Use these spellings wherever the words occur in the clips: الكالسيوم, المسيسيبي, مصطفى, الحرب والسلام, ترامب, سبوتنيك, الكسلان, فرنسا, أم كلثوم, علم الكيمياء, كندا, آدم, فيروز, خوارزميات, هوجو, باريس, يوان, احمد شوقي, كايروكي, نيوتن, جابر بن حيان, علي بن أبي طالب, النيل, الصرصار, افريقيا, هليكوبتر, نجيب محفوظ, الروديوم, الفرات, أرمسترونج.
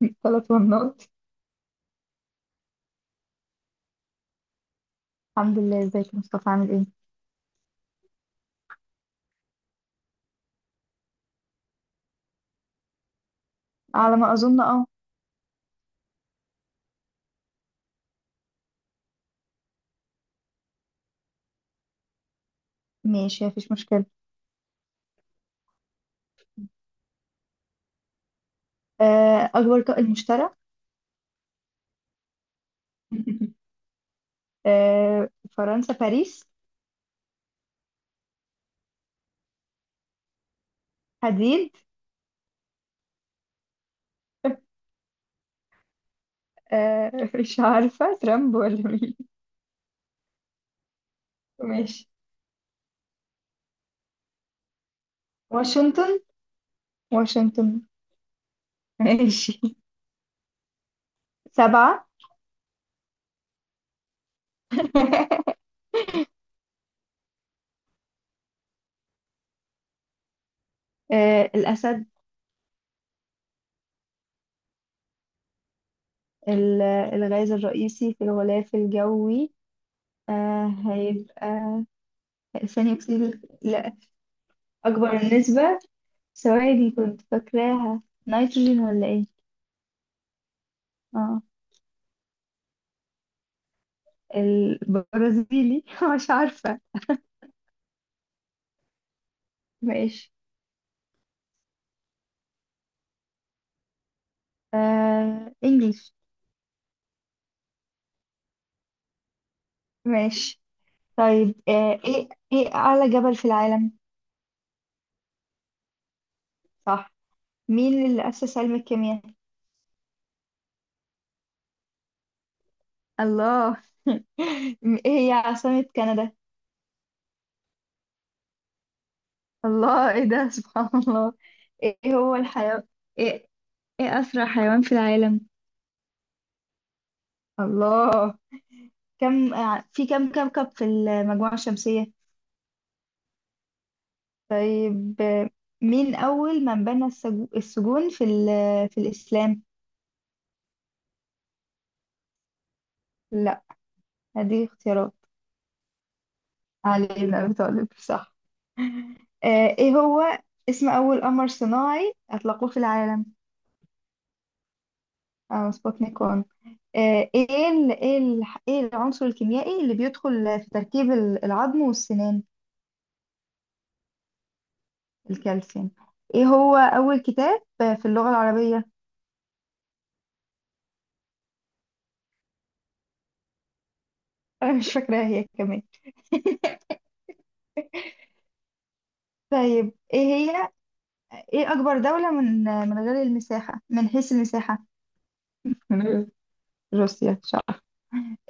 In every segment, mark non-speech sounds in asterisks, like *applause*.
*laughs* 3 مرات. الحمد لله. ازيك يا مصطفى، عامل ايه؟ على ما اظن، اه. ماشي، مفيش مشكله. اكبر طائر مشترك. *laughs* آه، فرنسا باريس. حديد. *laughs* مش عارفه، ترامب ولا مين؟ ماشي. واشنطن. واشنطن. ماشي. سبعه. *laughs* الاسد. ال- الغاز الرئيسي في الغلاف الجوي. هيبقى ثاني اكسيد لا. اكبر نسبه. ثواني، كنت فاكراها. نيتروجين، ولا ايه؟ اه. البرازيلي. *laughs* مش عارفة. ماشي. انجلش. ماشي. طيب، ايه اعلى جبل في العالم؟ صح. مين اللي أسس علم الكيمياء؟ الله. *laughs* ايه هي عاصمة كندا؟ الله، ايه ده؟ *laughs* سبحان الله. ايه هو الحيوان؟ ايه ايه أسرع حيوان في العالم؟ الله. في كم كوكب في المجموعة الشمسية؟ طيب. مين أول من بنى السجون في في الإسلام؟ لا، هدي اختيارات. علي بن أبي طالب. صح. إيه هو اسم أول قمر صناعي أطلقوه في العالم؟ سبوتنيك 1. إيه العنصر الكيميائي اللي بيدخل في تركيب العظم والسنان؟ الكالسيوم. إيه هو أول كتاب في اللغة العربية؟ *laughs* أنا مش فاكراها هي كمان. *laughs* طيب، إيه هي ايه اكبر دولة من غير المساحة، من حيث المساحة؟ من غير روسيا، مش عارفة.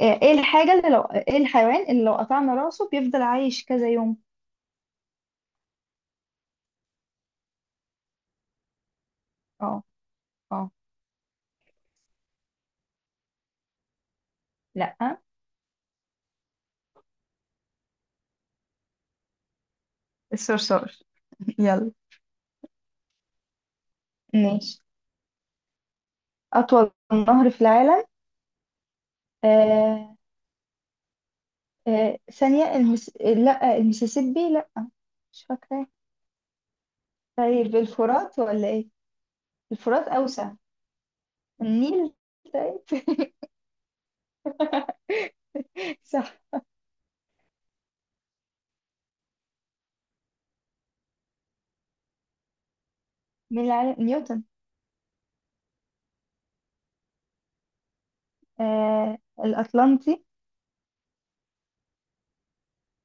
آه، ايه إيه الحاجة اللي لو ايه الحيوان اللي لو قطعنا راسه بيفضل عايش كذا يوم؟ اه. اه. لا، الصرصار. يلا. ماشي، أطول نهر في العالم. آه ثانية، لا، المسيسيبي، لا. مش فاكرة. طيب، الفرات ولا إيه؟ الفرات أوسع. النيل. طيب. *laughs* صح. من العالم نيوتن. آه الأطلنطي.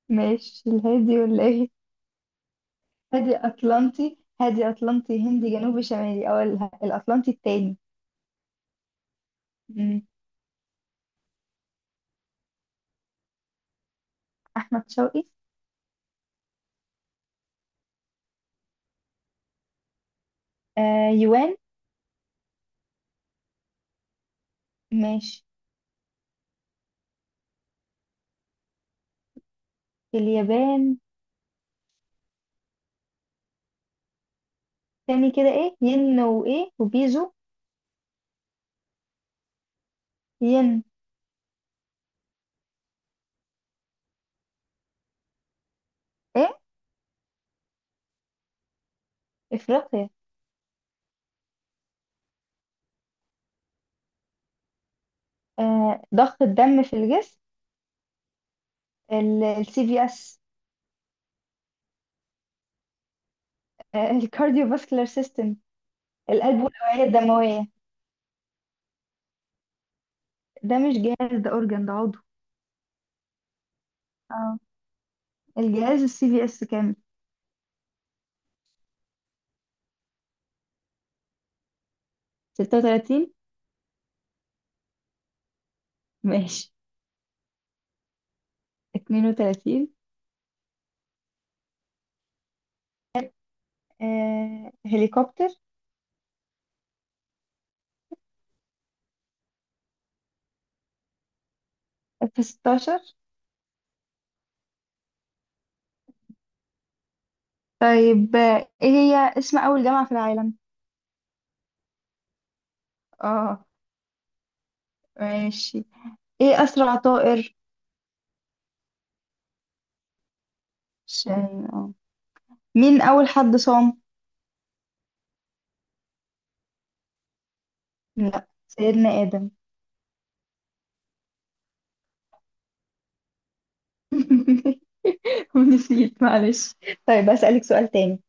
ماشي، الهادي ولا ايه؟ هادي، اطلنطي، هادي، اطلنطي، هندي، جنوبي، شمالي، او الاطلنطي التاني. مم. احمد شوقي. يوان. ماشي، اليابان. تاني كده، ايه ين وايه وبيزو؟ ين. ايه؟ افريقيا. ضغط الدم في الجسم. السي في اس. الكارديو فاسكولار سيستم. القلب والاوعيه الدمويه. ده مش جهاز، ده اورجان، ده عضو. اه. الجهاز السي في اس كامل. 36. ماشي، 32. هليكوبتر. في 16. طيب، ايه هي اسم أول جامعة في العالم؟ اه. ماشي. ايه أسرع طائر؟ عشان اه. مين أول حد صام؟ لا، سيدنا آدم. *laughs* نسيت، معلش. طيب، أسألك سؤال تاني.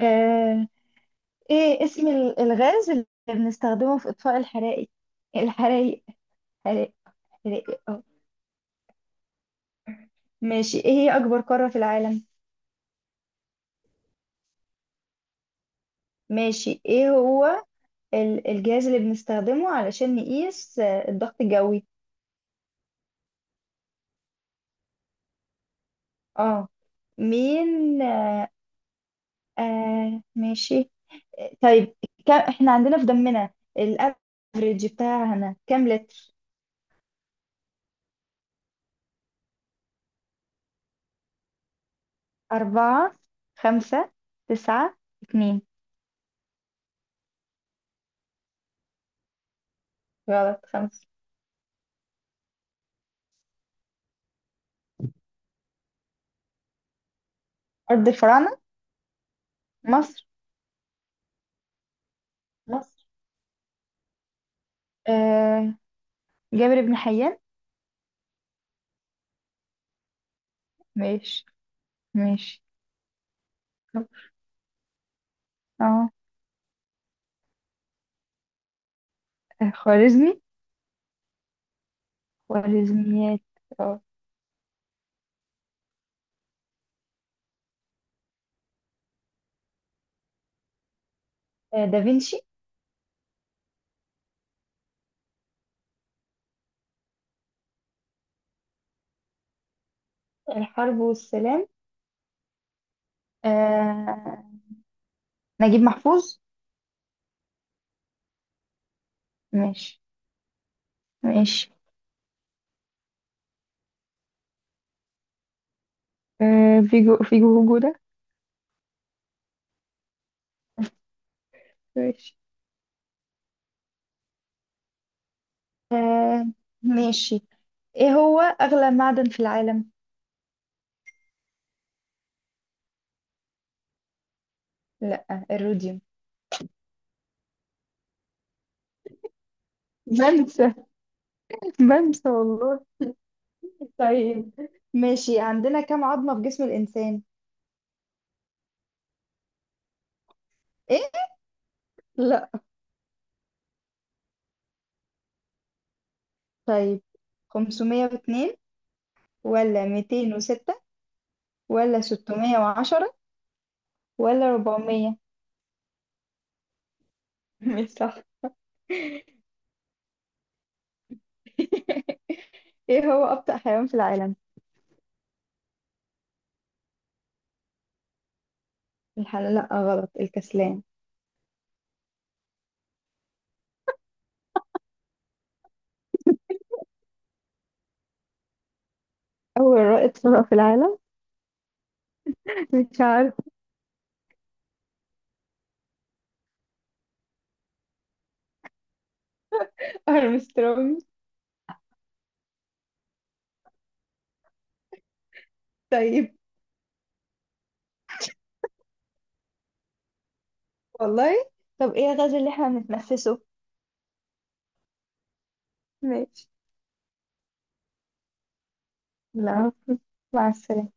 آه، ايه اسم الغاز اللي بنستخدمه في إطفاء الحرائق، الحرائق؟ حرائق. حرائق. اه. ماشي، ايه هي أكبر قارة في العالم؟ ماشي، ايه هو الجهاز اللي بنستخدمه علشان نقيس الضغط الجوي؟ اه. مين آه آه ماشي. طيب، كم احنا عندنا في دمنا الافريج بتاعنا كام لتر؟ أربعة. خمسة. تسعة. اتنين. غلط، خمسة. أرض الفراعنة، مصر. مصر. آه جابر بن حيان. ماشي. ماشي. اه. خوارزمي. خوارزميات. اه. دافنشي. الحرب والسلام. آه نجيب محفوظ. ماشي. ماشي. آه فيجو فيجو هوجو ده. ماشي. آه ماشي. ايه هو اغلى معدن في العالم؟ لا، الروديوم. بنسى. *laughs* بنسى والله. طيب. ماشي، عندنا كم عظمة في جسم الإنسان؟ ايه؟ لا. طيب، 502 ولا 206 ولا 610 ولا 400؟ مش صح. *laughs* ايه هو أبطأ حيوان في العالم؟ لا، غلط، الكسلان. أول رائد فضاء في العالم. مش عارف. أرمسترونج. طيب. والله. طب إيه الغاز اللي إحنا بنتنفسه؟ ماشي. لا. مع السلامة.